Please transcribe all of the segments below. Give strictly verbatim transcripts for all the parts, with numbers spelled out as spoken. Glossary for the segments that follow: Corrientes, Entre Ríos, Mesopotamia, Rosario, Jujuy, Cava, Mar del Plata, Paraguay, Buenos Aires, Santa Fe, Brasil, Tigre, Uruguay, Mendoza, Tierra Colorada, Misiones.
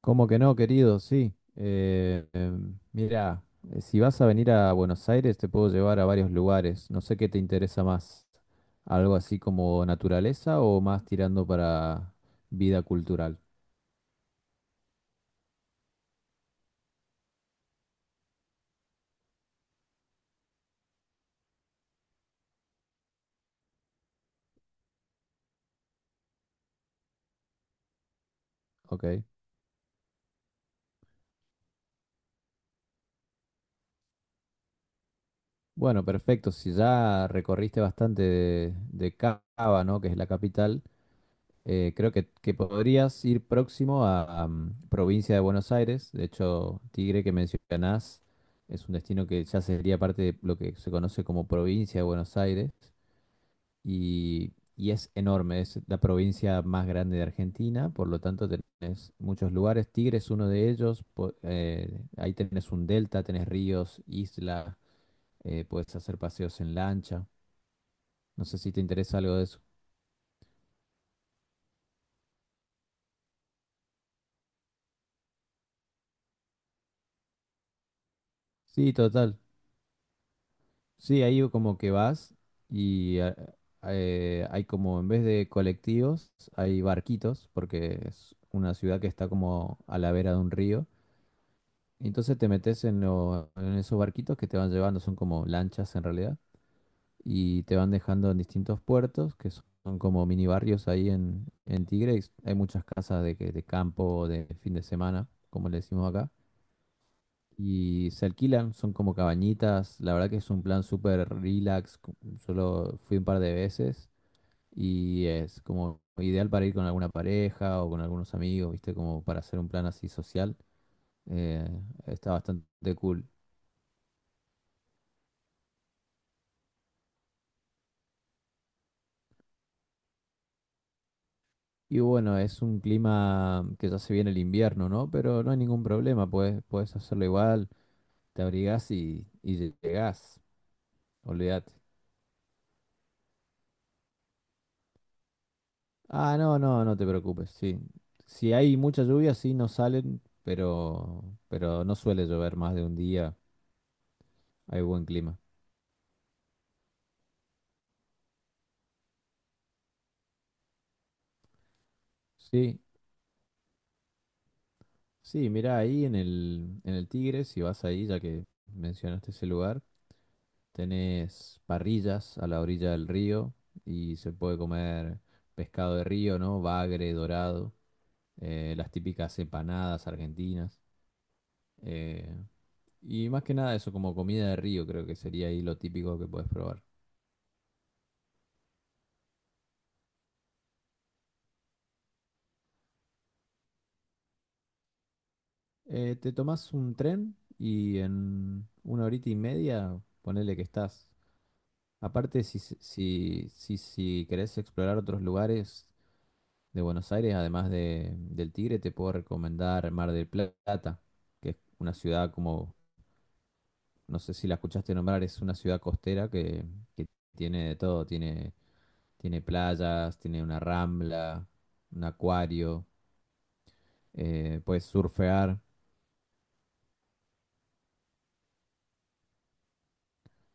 ¿Cómo que no, querido? Sí. Eh, em, mira, eh, si vas a venir a Buenos Aires, te puedo llevar a varios lugares. No sé qué te interesa más. ¿Algo así como naturaleza o más tirando para vida cultural? Ok. Bueno, perfecto. Si ya recorriste bastante de, de Cava, ¿no? Que es la capital. Eh, creo que, que podrías ir próximo a, a, mm, provincia de Buenos Aires. De hecho, Tigre que mencionás es un destino que ya sería parte de lo que se conoce como provincia de Buenos Aires y, y es enorme. Es la provincia más grande de Argentina, por lo tanto tenés muchos lugares. Tigre es uno de ellos. Po- eh, ahí tenés un delta, tenés ríos, isla, eh, puedes hacer paseos en lancha. No sé si te interesa algo de eso. Sí, total. Sí, ahí como que vas y a- eh, hay como, en vez de colectivos, hay barquitos, porque es una ciudad que está como a la vera de un río. Y entonces te metes en, lo- en esos barquitos que te van llevando, son como lanchas en realidad, y te van dejando en distintos puertos, que son, son como mini barrios ahí en, en Tigre. y s- Hay muchas casas de, que- de campo, de fin de semana, como le decimos acá. Y se alquilan, son como cabañitas. La verdad que es un plan súper relax. cu- Solo fui un par de veces y es como ideal para ir con alguna pareja o con algunos amigos, ¿viste? Como para hacer un plan así social. Eh, está bastante cool. Y bueno, es un clima que ya se viene el invierno, ¿no? Pero no hay ningún problema, puedes, puedes hacerlo igual. Te abrigás y, y llegás. Olvídate. Ah, no, no, no te preocupes, sí. Si hay mucha lluvia, sí, no salen, pero, pero no suele llover más de un día, hay buen clima. Sí, sí, mira ahí en el, en el Tigre, si vas ahí, ya que mencionaste ese lugar, tenés parrillas a la orilla del río y se puede comer pescado de río, ¿no? Bagre, dorado, eh, las típicas empanadas argentinas. eh, y más que nada eso, como comida de río, creo que sería ahí lo típico que puedes probar. Eh, te tomás un tren y en una horita y media ponele que estás. Aparte, si, se- si, si, si querés explorar otros lugares de Buenos Aires, además de, del Tigre, te puedo recomendar Mar del Plata, que es una ciudad como, no sé si la escuchaste nombrar, es una ciudad costera que, que tiene de todo, tiene... Tiene playas, tiene una rambla, un acuario, eh, puedes surfear.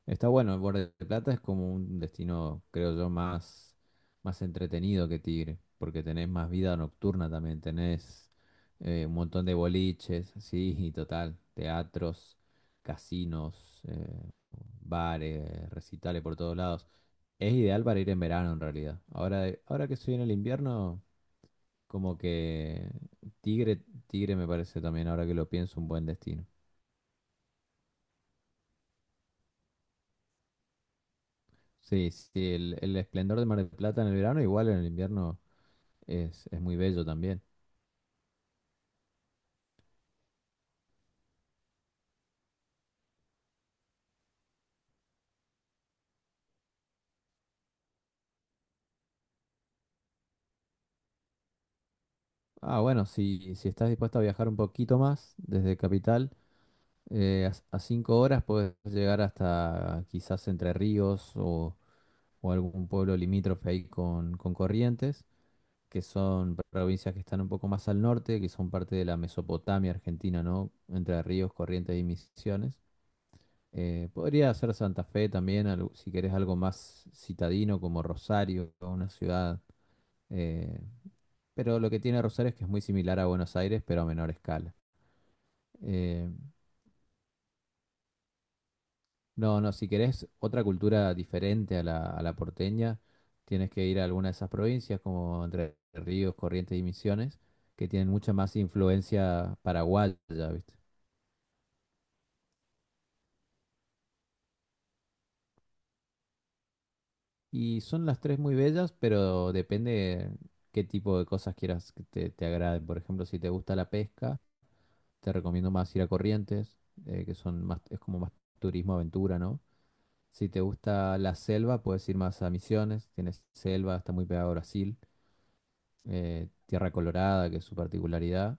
Está bueno, el Borde de Plata es como un destino, creo yo, más, más entretenido que Tigre, porque tenés más vida nocturna también, tenés eh, un montón de boliches, sí, y total, teatros, casinos, eh, bares, recitales por todos lados. Es ideal para ir en verano en realidad. Ahora, ahora que estoy en el invierno, como que Tigre, Tigre me parece también, ahora que lo pienso, un buen destino. Sí, sí, sí, el, el esplendor de Mar del Plata en el verano, igual en el invierno es, es muy bello también. Ah, bueno, si, si estás dispuesto a viajar un poquito más desde Capital, eh, a, a cinco horas puedes llegar hasta quizás Entre Ríos o, o, algún pueblo limítrofe ahí con, con Corrientes, que son provincias que están un poco más al norte, que son parte de la Mesopotamia argentina, ¿no? Entre Ríos, Corrientes y Misiones. Eh, podría ser Santa Fe también, algo- si querés algo más citadino como Rosario, o una ciudad. eh, pero lo que tiene Rosario es que es muy similar a Buenos Aires, pero a menor escala. Eh, no, no, si querés otra cultura diferente a la, a la porteña, tienes que ir a alguna de esas provincias como Entre Ríos, Corrientes y Misiones, que tienen mucha más influencia paraguaya, ¿viste? Y son las tres muy bellas, pero depende qué tipo de cosas quieras que te, te agraden. Por ejemplo, si te gusta la pesca, te recomiendo más ir a Corrientes, eh, que son más, es como más turismo aventura, ¿no? Si te gusta la selva, puedes ir más a Misiones, tienes selva, está muy pegado a Brasil, eh, Tierra Colorada, que es su particularidad.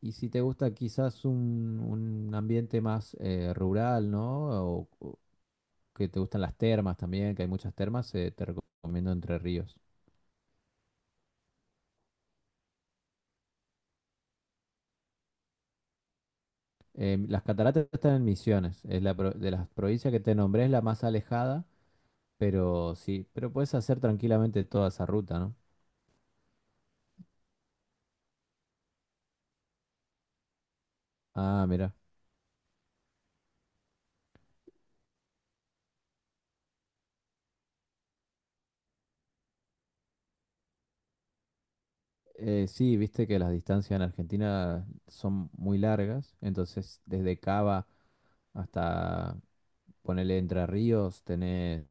Y si te gusta quizás un, un ambiente más eh, rural, ¿no? O, o que te gustan las termas también, que hay muchas termas, eh, te recomiendo Entre Ríos. Eh, las cataratas están en Misiones, es la pro- de las provincias que te nombré, es la más alejada, pero sí, pero puedes hacer tranquilamente toda esa ruta, ¿no? Ah, mira. Eh, sí, viste que las distancias en Argentina son muy largas, entonces desde Cava hasta, ponele Entre Ríos, tenés.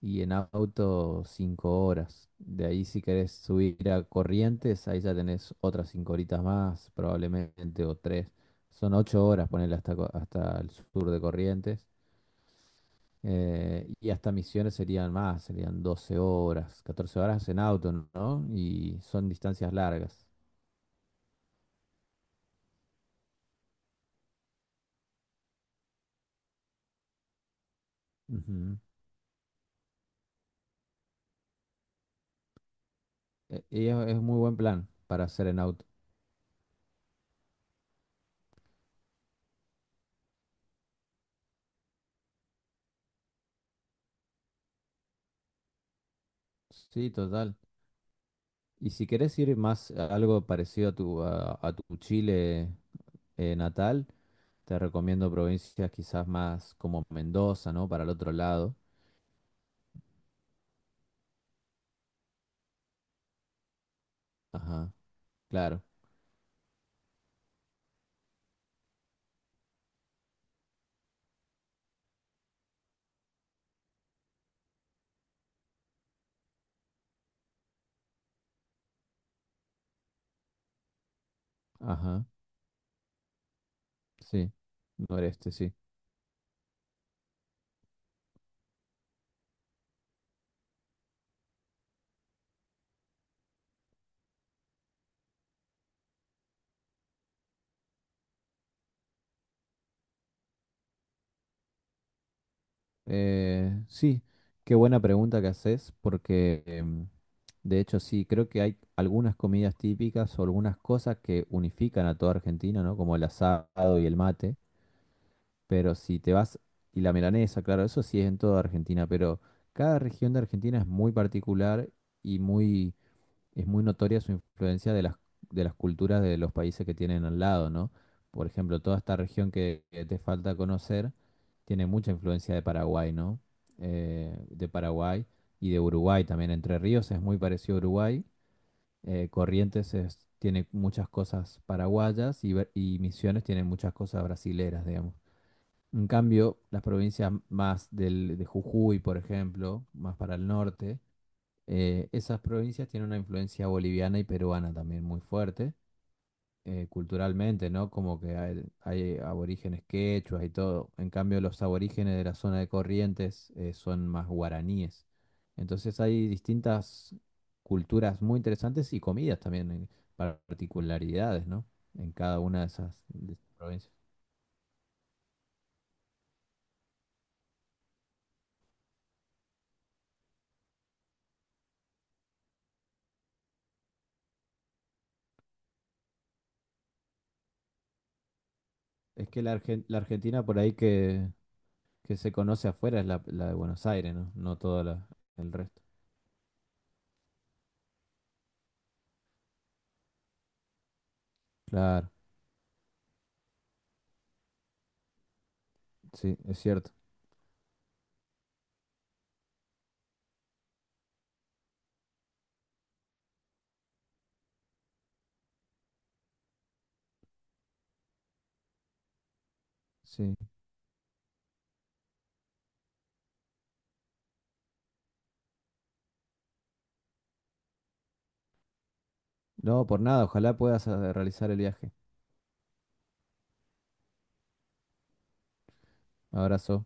Y en auto, cinco horas. De ahí, si querés subir a Corrientes, ahí ya tenés otras cinco horitas más, probablemente, o tres. Son ocho horas, ponerle hasta, Co- hasta el sur de Corrientes. Eh, y hasta Misiones serían más, serían doce horas, catorce horas en auto, ¿no? Y son distancias largas. Ujú. E- Y es, es muy buen plan para hacer en auto. Sí, total. Y si querés ir más a algo parecido a tu, a a tu Chile eh, natal, te recomiendo provincias quizás más como Mendoza, ¿no? Para el otro lado. Ajá, claro. Ajá, sí. Noreste, sí. Eh, sí, qué buena pregunta que haces, porque em, de hecho sí, creo que hay algunas comidas típicas o algunas cosas que unifican a toda Argentina, ¿no? Como el asado y el mate. Pero si te vas, y la milanesa, claro, eso sí es en toda Argentina, pero cada región de Argentina es muy particular y muy es muy notoria su influencia de las, de las, culturas de los países que tienen al lado, ¿no? Por ejemplo, toda esta región que, que te falta conocer tiene mucha influencia de Paraguay, ¿no? Eh, de Paraguay y de Uruguay también. Entre Ríos es muy parecido a Uruguay. eh, Corrientes es- tiene muchas cosas paraguayas y, Ver- y Misiones tiene muchas cosas brasileras, digamos. En cambio, las provincias más del, de Jujuy, por ejemplo, más para el norte, eh, esas provincias tienen una influencia boliviana y peruana también muy fuerte, eh, culturalmente, ¿no? Como que hay, hay aborígenes quechuas y todo. En cambio, los aborígenes de la zona de Corrientes, eh, son más guaraníes. Entonces hay distintas culturas muy interesantes y comidas también, eh, particularidades, ¿no? En cada una de esas, de esas provincias. Es que la, Argen- la Argentina por ahí que, que se conoce afuera es la, la de Buenos Aires, ¿no? No todo la- el resto. Claro, sí, es cierto. Sí. No, por nada, ojalá puedas eh, realizar el viaje. Abrazo.